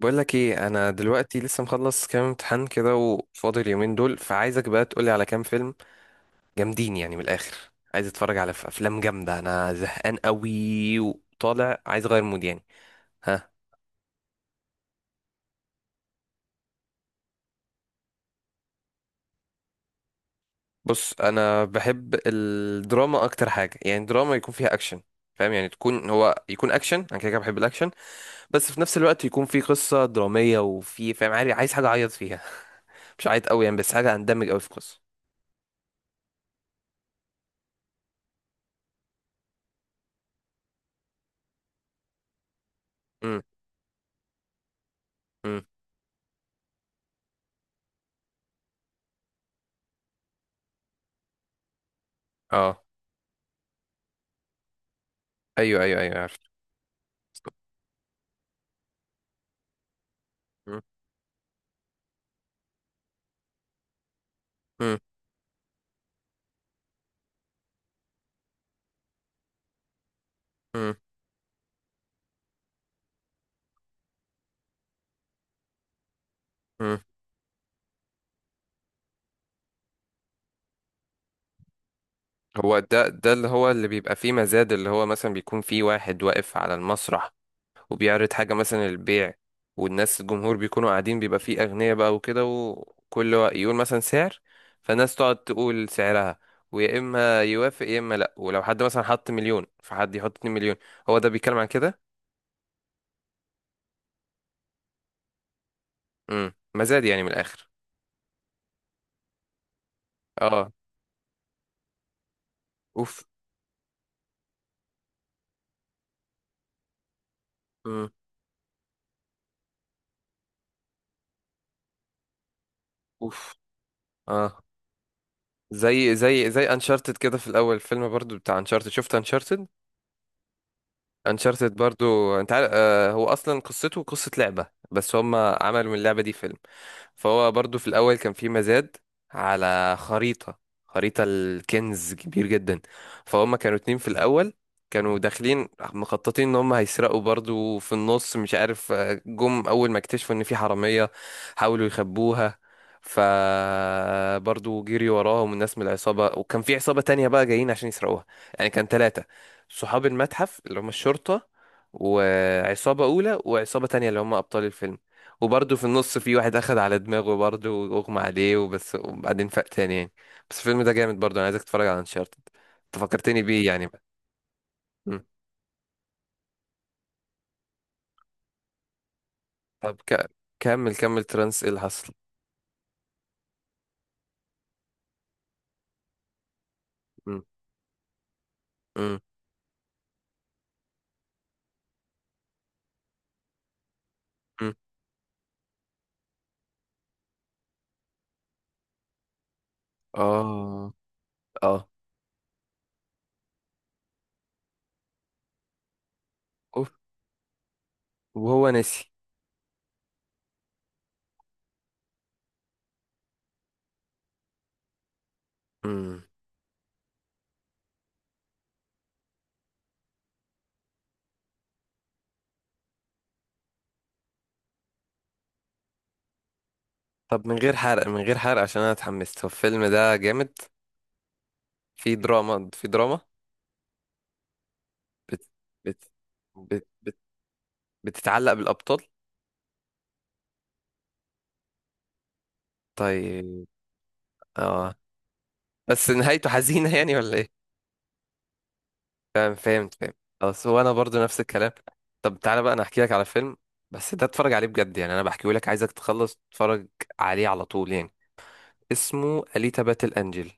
بقول لك ايه، انا دلوقتي لسه مخلص كام امتحان كده وفاضل اليومين دول، فعايزك بقى تقولي على كام فيلم جامدين يعني من الاخر. عايز اتفرج على افلام جامده. انا زهقان قوي وطالع عايز اغير مود يعني. ها. بص، انا بحب الدراما اكتر حاجه، يعني دراما يكون فيها اكشن. فاهم يعني تكون هو يكون اكشن، انا كده كده بحب الاكشن. بس في نفس الوقت يكون في قصه دراميه وفي، فاهم، عايز حاجه اعيط فيها مش عيط قوي يعني، بس حاجه اندمج قوي في قصه. امم. امم. اه. ايوه ايوه ايوه، عارف. مم. مم. هو ده اللي هو اللي بيبقى فيه مزاد، اللي هو مثلا بيكون فيه واحد واقف على المسرح وبيعرض حاجة مثلا للبيع، والناس الجمهور بيكونوا قاعدين، بيبقى فيه أغنياء بقى وكده، يقول مثلا سعر، فالناس تقعد تقول سعرها، ويا إما يوافق يا إما لأ. ولو حد مثلا حط مليون، فحد يحط اتنين مليون. هو ده بيتكلم عن كده. مم. مزاد يعني من الآخر. اه. اوف. مم. اوف. اه. زي زي انشارتد كده. في الأول فيلم برضو بتاع انشارتد، شفت انشارتد؟ انشارتد برضو، انت عارف، هو اصلا قصته قصة لعبة، بس هم عملوا من اللعبة دي فيلم. فهو برضو في الأول كان في مزاد على خريطة، خريطة الكنز كبير جدا. فهم كانوا اتنين في الأول، كانوا داخلين مخططين ان هم هيسرقوا. برضو في النص، مش عارف، جم اول ما اكتشفوا ان في حرامية، حاولوا يخبوها. فبرضو جري وراهم الناس من العصابة، وكان في عصابة تانية بقى جايين عشان يسرقوها. يعني كان ثلاثة: صحاب المتحف اللي هم الشرطة، وعصابة أولى، وعصابة تانية اللي هم أبطال الفيلم. وبرضه في النص في واحد اخد على دماغه برضه واغمى عليه وبس، وبعدين فاق تاني يعني. بس الفيلم ده جامد برضه، انا عايزك تتفرج على انشارتد. انت فكرتني بيه يعني بقى. مم. طب كمل كمل ترانس، ايه اللي حصل؟ مم. مم. مم. اه. اه. اوف. وهو نسي. مم. طب من غير حرق، من غير حرق، عشان انا اتحمست. هو الفيلم ده جامد؟ في دراما في دراما؟ بت... بت... بت... بت... بتتعلق بالابطال. طيب. اه. بس نهايته حزينة يعني ولا ايه؟ تمام فهمت فهمت خلاص، هو انا برضو نفس الكلام. طب تعالى بقى انا احكي لك على فيلم، بس ده اتفرج عليه بجد يعني. انا بحكيه لك عايزك تخلص تتفرج عليه على طول يعني. اسمه أليتا باتل انجل.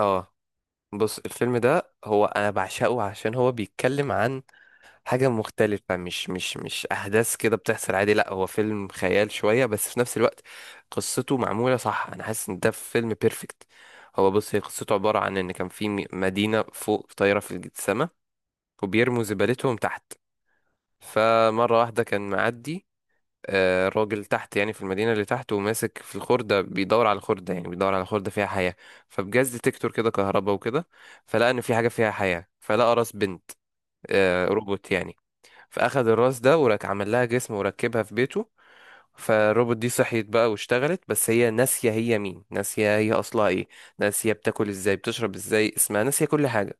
اه. بص الفيلم ده هو انا بعشقه، عشان هو بيتكلم عن حاجة مختلفة، مش احداث كده بتحصل عادي. لا هو فيلم خيال شوية، بس في نفس الوقت قصته معمولة صح. انا حاسس ان ده فيلم بيرفكت. هو بص، هي قصته عبارة عن ان كان في مدينة فوق طايرة في السماء، وبيرموا زبالتهم تحت. فمرة واحدة كان معدي راجل تحت يعني في المدينة اللي تحت، وماسك في الخردة بيدور على الخردة، يعني بيدور على خردة فيها حياة. فبجاز ديتكتور كده كهرباء وكده. فلقى إن في حاجة فيها حياة، فلقى راس بنت، روبوت يعني. فأخد الراس ده وراك عمل لها جسم وركبها في بيته. فالروبوت دي صحيت بقى واشتغلت، بس هي ناسية هي مين، ناسية هي أصلها إيه، ناسية بتاكل إزاي بتشرب إزاي، اسمها ناسية كل حاجة.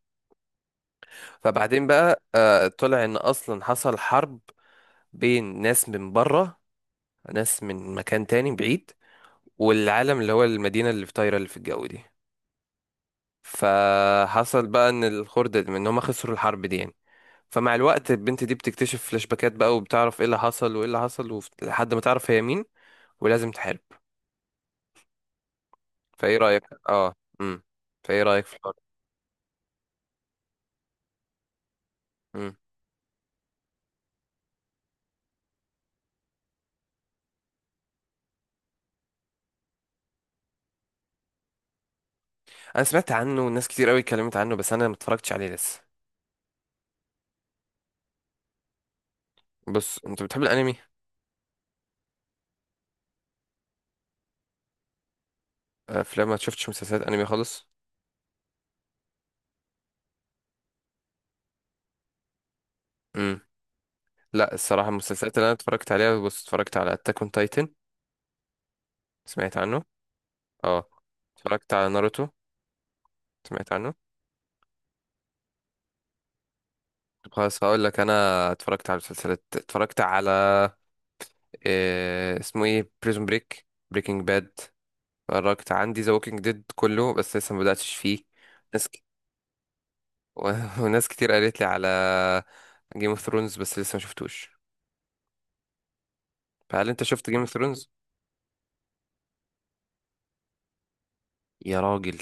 فبعدين بقى طلع ان اصلا حصل حرب بين ناس من بره، ناس من مكان تاني بعيد، والعالم اللي هو المدينة اللي في طايرة اللي في الجو دي. فحصل بقى ان ان هم خسروا الحرب دي يعني. فمع الوقت البنت دي بتكتشف فلاش باكات بقى، وبتعرف ايه اللي حصل وايه اللي حصل، لحد ما تعرف هي مين ولازم تحارب. فايه رأيك؟ اه. امم. فايه رأيك في الحوار؟ امم. انا سمعت عنه والناس كتير قوي اتكلمت عنه، بس انا ما اتفرجتش عليه لسه. بص، انت بتحب الانمي؟ افلام ما شفتش مسلسلات انمي خالص. امم. لا الصراحة المسلسلات اللي أنا اتفرجت عليها، بص اتفرجت على أتاك أون تايتن، سمعت عنه؟ اه. اتفرجت على ناروتو، سمعت عنه؟ طب خلاص هقول لك أنا. اتفرجت على مسلسلات، اتفرجت على إيه اسمه ايه، بريزون بريك، بريكنج باد. اتفرجت عندي ذا ووكينج ديد كله بس لسه ما بدأتش فيه. ناس ك... و... وناس كتير قالت لي على جيم اوف ثرونز، بس لسه ما شفتوش. فهل انت شفت جيم اوف ثرونز؟ يا راجل.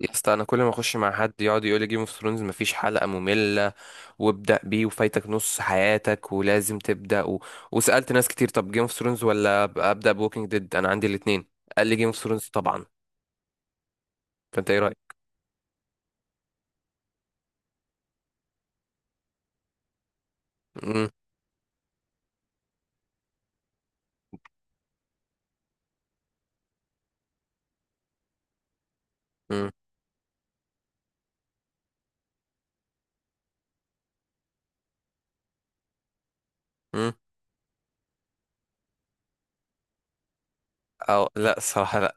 يا اسطى، انا كل ما اخش مع حد يقعد يقول لي جيم اوف ثرونز مفيش حلقة مملة، وابدأ بيه وفايتك نص حياتك ولازم تبدأ وسألت ناس كتير، طب جيم اوف ثرونز ولا أبدأ بوكينج ديد؟ أنا عندي الاتنين، قال لي جيم اوف ثرونز طبعا. فأنت إيه رأيك؟ مم. مم. مم. أو لا، الصراحة لا.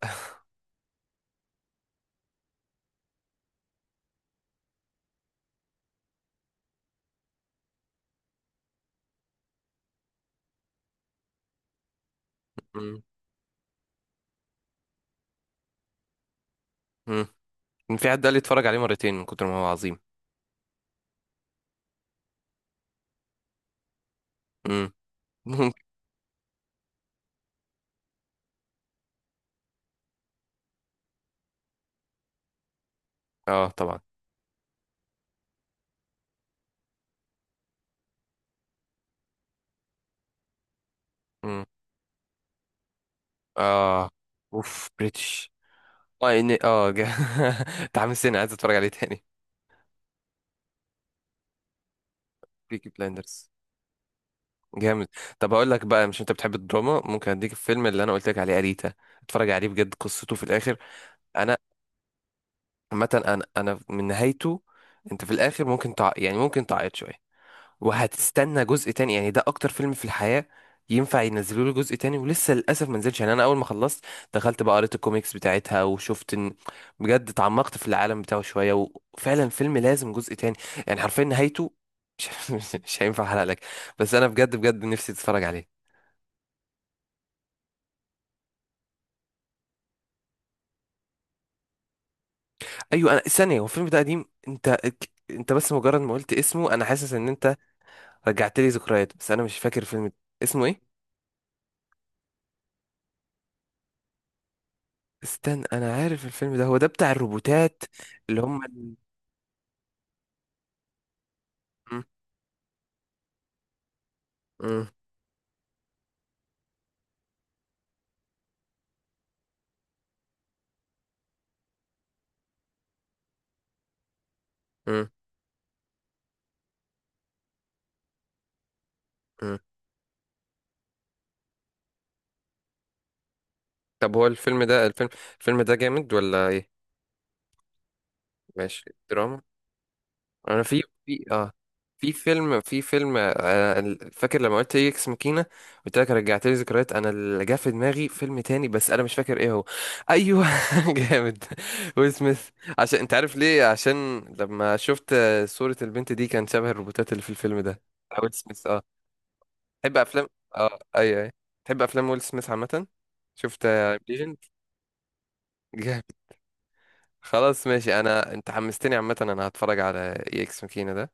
مم. مم. في حد قال لي اتفرج عليه مرتين من كتر ما هو عظيم. مم. ممكن. اه طبعا. مم. اه. اوف بريتش. اه. متحمس تاني، عايز اتفرج عليه تاني. بيكي بلايندرز جامد. طب هقول لك بقى، مش انت بتحب الدراما، ممكن اديك الفيلم اللي انا قلت لك عليه، اريتا، اتفرج عليه بجد قصته في الاخر. انا عامه انا من نهايته. انت في الاخر ممكن يعني ممكن تعيط شويه، وهتستنى جزء تاني يعني. ده اكتر فيلم في الحياه ينفع ينزلوا له جزء تاني ولسه للاسف ما نزلش يعني. انا اول ما خلصت دخلت بقى قريت الكوميكس بتاعتها، وشفت ان بجد اتعمقت في العالم بتاعه شويه، وفعلا فيلم لازم جزء تاني. يعني حرفيا نهايته مش مش هينفع احرق لك، بس انا بجد بجد نفسي تتفرج عليه. ايوه، انا ثانيه. هو الفيلم ده قديم؟ انت انت بس مجرد ما قلت اسمه انا حاسس ان انت رجعت لي ذكريات، بس انا مش فاكر الفيلم ده. اسمه ايه؟ استنى، انا عارف الفيلم ده، هو ده بتاع الروبوتات اللي هم. م- م- م- م. طب هو الفيلم ده، الفيلم ده جامد ولا ايه؟ ماشي. دراما. انا في اه في فيلم، فاكر لما قلت ايه اكس ماكينه، قلت لك رجعت لي ذكريات، انا اللي جه في دماغي فيلم تاني بس انا مش فاكر ايه هو. ايوه. جامد. ويل سميث. عشان انت عارف ليه، عشان لما شفت صوره البنت دي كان شبه الروبوتات اللي في الفيلم ده بتاع ويل سميث. اه. تحب افلام؟ اه ايوه ايوه. تحب افلام ويل سميث عامه؟ شفت ليجند؟ جامد. خلاص ماشي، انا انت حمستني، عامه انا هتفرج على اي اكس ماكينه ده.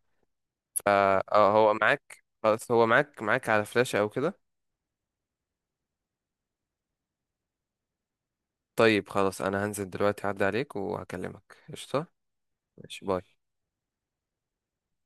اه. هو معاك؟ خلاص هو معاك، معاك على فلاشة او كده؟ طيب خلاص انا هنزل دلوقتي اعدي عليك وهكلمك، قشطة. ماشي، باي.